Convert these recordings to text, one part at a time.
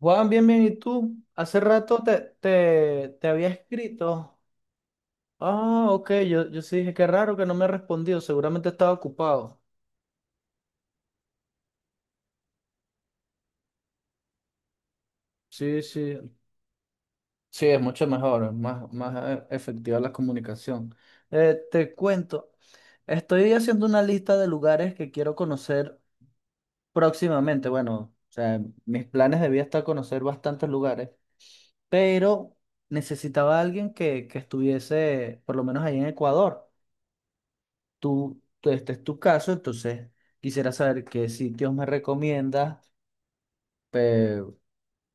Juan, bien, bien, ¿y tú? Hace rato te había escrito. Ah, ok, yo sí dije, qué raro que no me ha respondido, seguramente estaba ocupado. Sí, sí. Sí, es mucho mejor, es más, más efectiva la comunicación. Te cuento, estoy haciendo una lista de lugares que quiero conocer próximamente. Bueno, o sea, mis planes de vida está conocer bastantes lugares, pero necesitaba a alguien que estuviese, por lo menos ahí en Ecuador. Este es tu caso, entonces quisiera saber qué sitios me recomiendas. eh,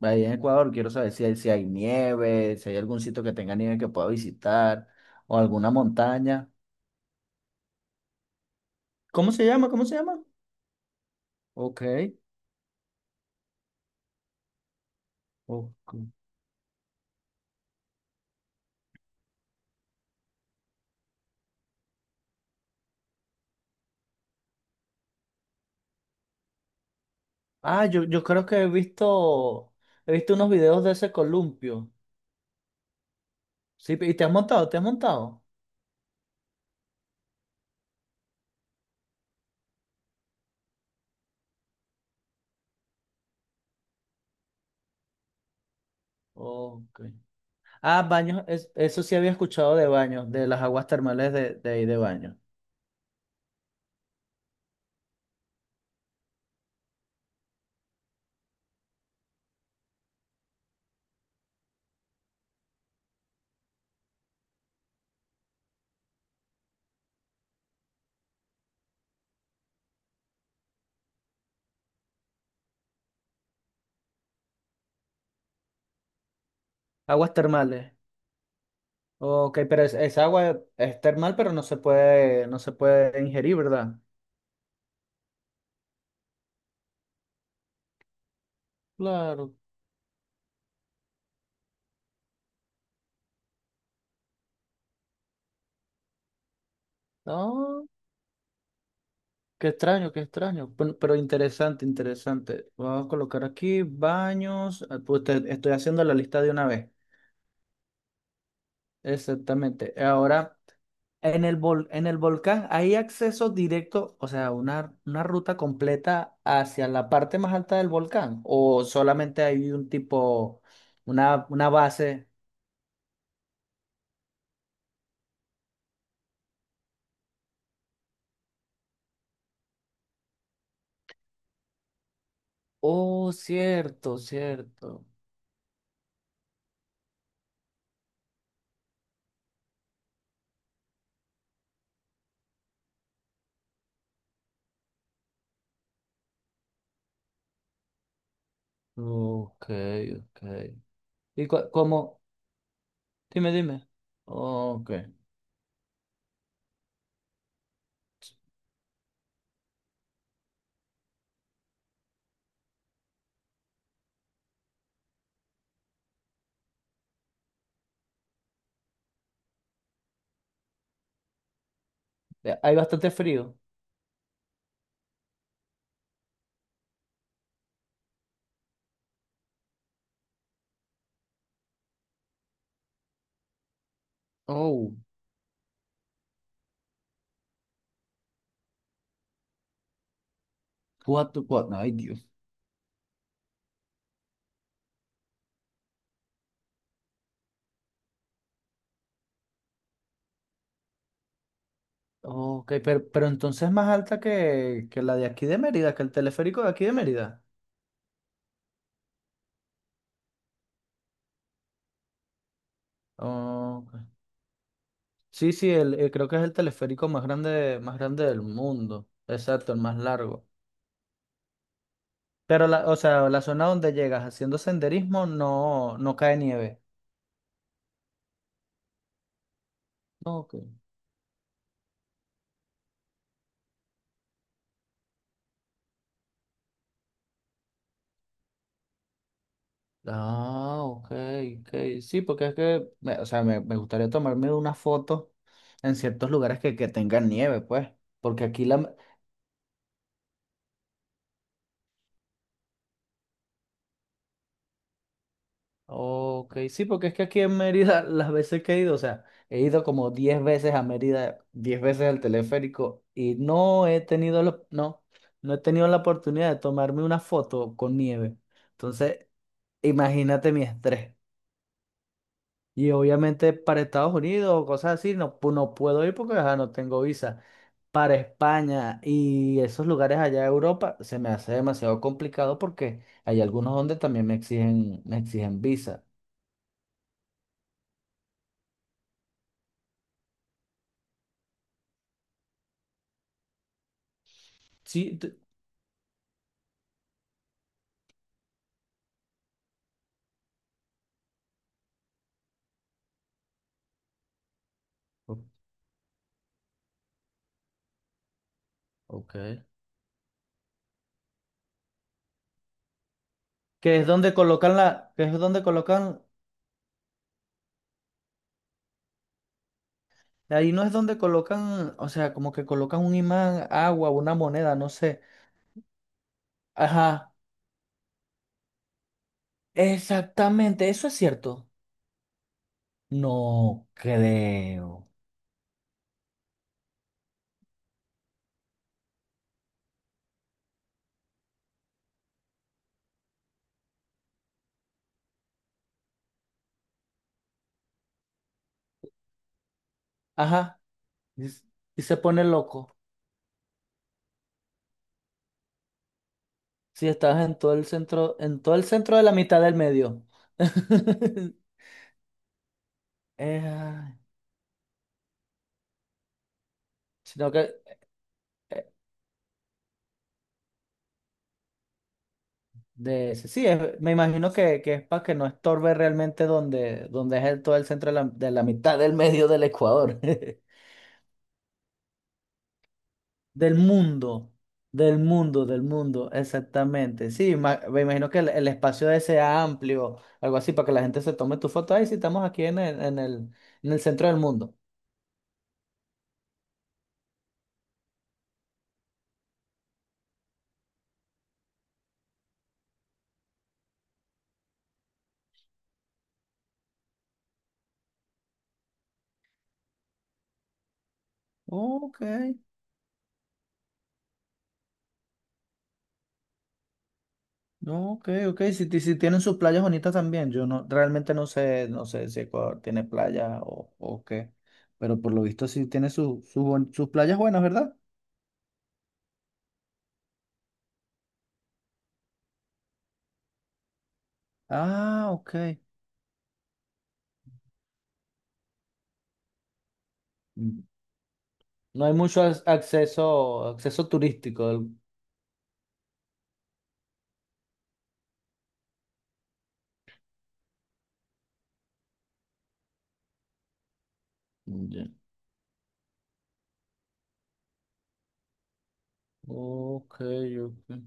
Ahí en Ecuador quiero saber si hay, si hay nieve, si hay algún sitio que tenga nieve que pueda visitar o alguna montaña. ¿Cómo se llama? ¿Cómo se llama? Ok, ok. Ah, yo creo que he visto unos videos de ese columpio. Sí, ¿y te has montado? ¿Te has montado? Ok. Ah, baños, eso sí había escuchado de baños, de las aguas termales de ahí de baños. Aguas termales. Ok, pero es agua es termal, pero no se puede, no se puede ingerir, ¿verdad? Claro. No, qué extraño, qué extraño. Pero interesante, interesante. Vamos a colocar aquí baños. Ah, estoy haciendo la lista de una vez. Exactamente. Ahora, en el volcán hay acceso directo, o sea, una ruta completa hacia la parte más alta del volcán. O solamente hay un tipo, una base. Oh, cierto, cierto. Ok, ok. ¿Y cómo? Dime, dime. Ok. Hay bastante frío. Oh, cuatro, cuatro, ay Dios. Ok, pero entonces es más alta que la de aquí de Mérida, que el teleférico de aquí de Mérida. Ok. Sí, sí, creo que es el teleférico más grande del mundo. Exacto, el más largo. Pero la, o sea, la zona donde llegas haciendo senderismo no, no cae nieve. Ok. Ah, ok, ok. Sí, porque es que, o sea, me gustaría tomarme una foto en ciertos lugares que tengan nieve, pues. Porque aquí la... Ok, sí, porque es que aquí en Mérida, las veces que he ido, o sea, he ido como 10 veces a Mérida, 10 veces al teleférico y no he tenido, no, no he tenido la oportunidad de tomarme una foto con nieve. Entonces, imagínate mi estrés. Y obviamente para Estados Unidos o cosas así, no, no puedo ir porque ajá, no tengo visa. Para España y esos lugares allá de Europa se me hace demasiado complicado porque hay algunos donde también me exigen visa. Sí, O- ok. Que es donde colocan la, que es donde colocan, ahí no es donde colocan, o sea, como que colocan un imán, agua, una moneda, no sé. Ajá, exactamente, eso es cierto. No creo. Ajá, y, s- y se pone loco. Si estás en todo el centro, en todo el centro de la mitad del medio. Eh, sino que sí, me imagino que es para que no estorbe realmente donde, donde es todo el centro de la mitad del medio del Ecuador. Del mundo, del mundo, del mundo, exactamente. Sí, me imagino que el espacio de sea amplio, algo así, para que la gente se tome tu foto. Ahí sí, estamos aquí en el, en el, en el centro del mundo. Ok. No, ok, ok. Si, si tienen sus playas bonitas también. Yo no, realmente no sé, no sé si Ecuador tiene playa o qué. Pero por lo visto sí tiene sus playas buenas, ¿verdad? Ah, ok. Mm. No hay mucho acceso, acceso turístico. Ya. Ok, ok.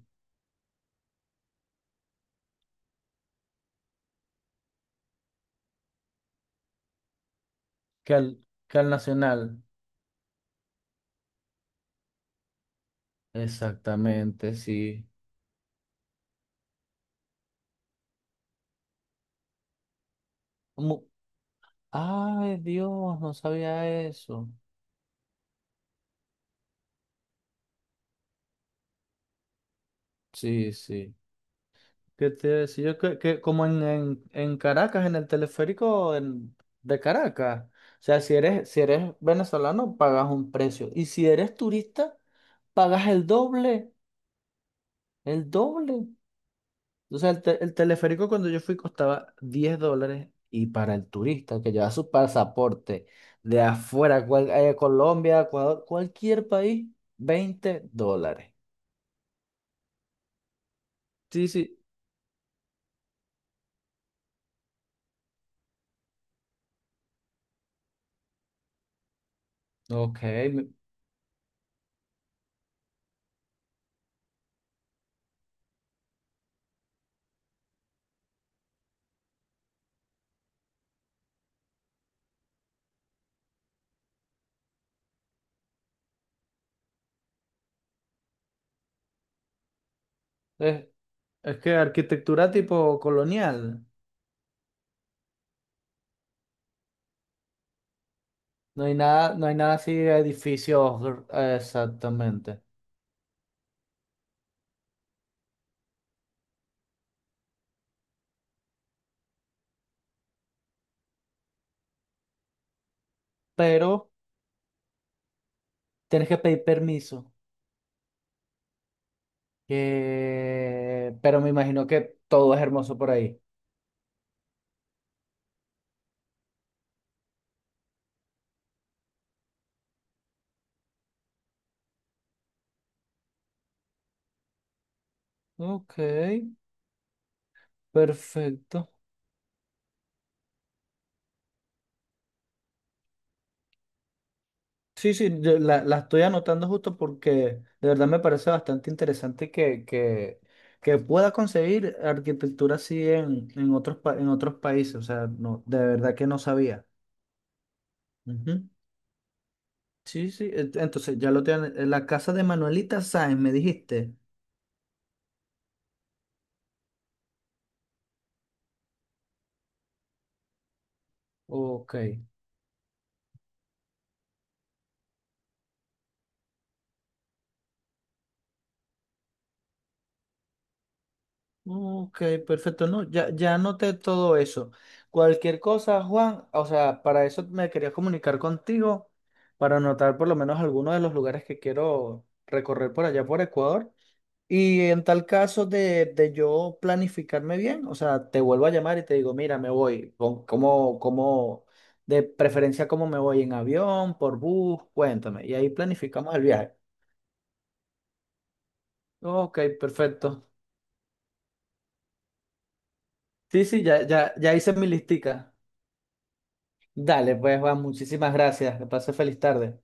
Que al nacional. Exactamente, sí. Mu- Ay, Dios, no sabía eso. Sí, sí. ¿Qué te iba a decir? Yo que como en Caracas, en el teleférico de Caracas. O sea, si eres, si eres venezolano, pagas un precio. Y si eres turista, pagas el doble. El doble. O sea, el teleférico cuando yo fui costaba $10. Y para el turista que lleva su pasaporte de afuera, Colombia, Ecuador, cualquier país, $20. Sí, sí. Ok. me- Es, es que arquitectura tipo colonial. No hay nada, no hay nada así de edificios exactamente. Pero tienes que pedir permiso. Pero me imagino que todo es hermoso por ahí. Ok, perfecto. Sí, sí, yo la, la estoy anotando justo porque de verdad me parece bastante interesante que pueda conseguir arquitectura así en otros, en otros países. O sea, no, de verdad que no sabía. Ujú. Sí, sí, entonces ya lo tienen. La casa de Manuelita Sáenz, me dijiste. Ok, ok, perfecto. No, ya, ya anoté todo eso. Cualquier cosa, Juan, o sea, para eso me quería comunicar contigo, para anotar por lo menos algunos de los lugares que quiero recorrer por allá por Ecuador. Y en tal caso de yo planificarme bien, o sea, te vuelvo a llamar y te digo, mira, me voy, ¿cómo, cómo, de preferencia cómo me voy en avión, por bus, cuéntame. Y ahí planificamos el viaje. Ok, perfecto. Sí, sí, ya, ya, ya hice mi listica. Dale, pues Juan, muchísimas gracias. Que pase feliz tarde.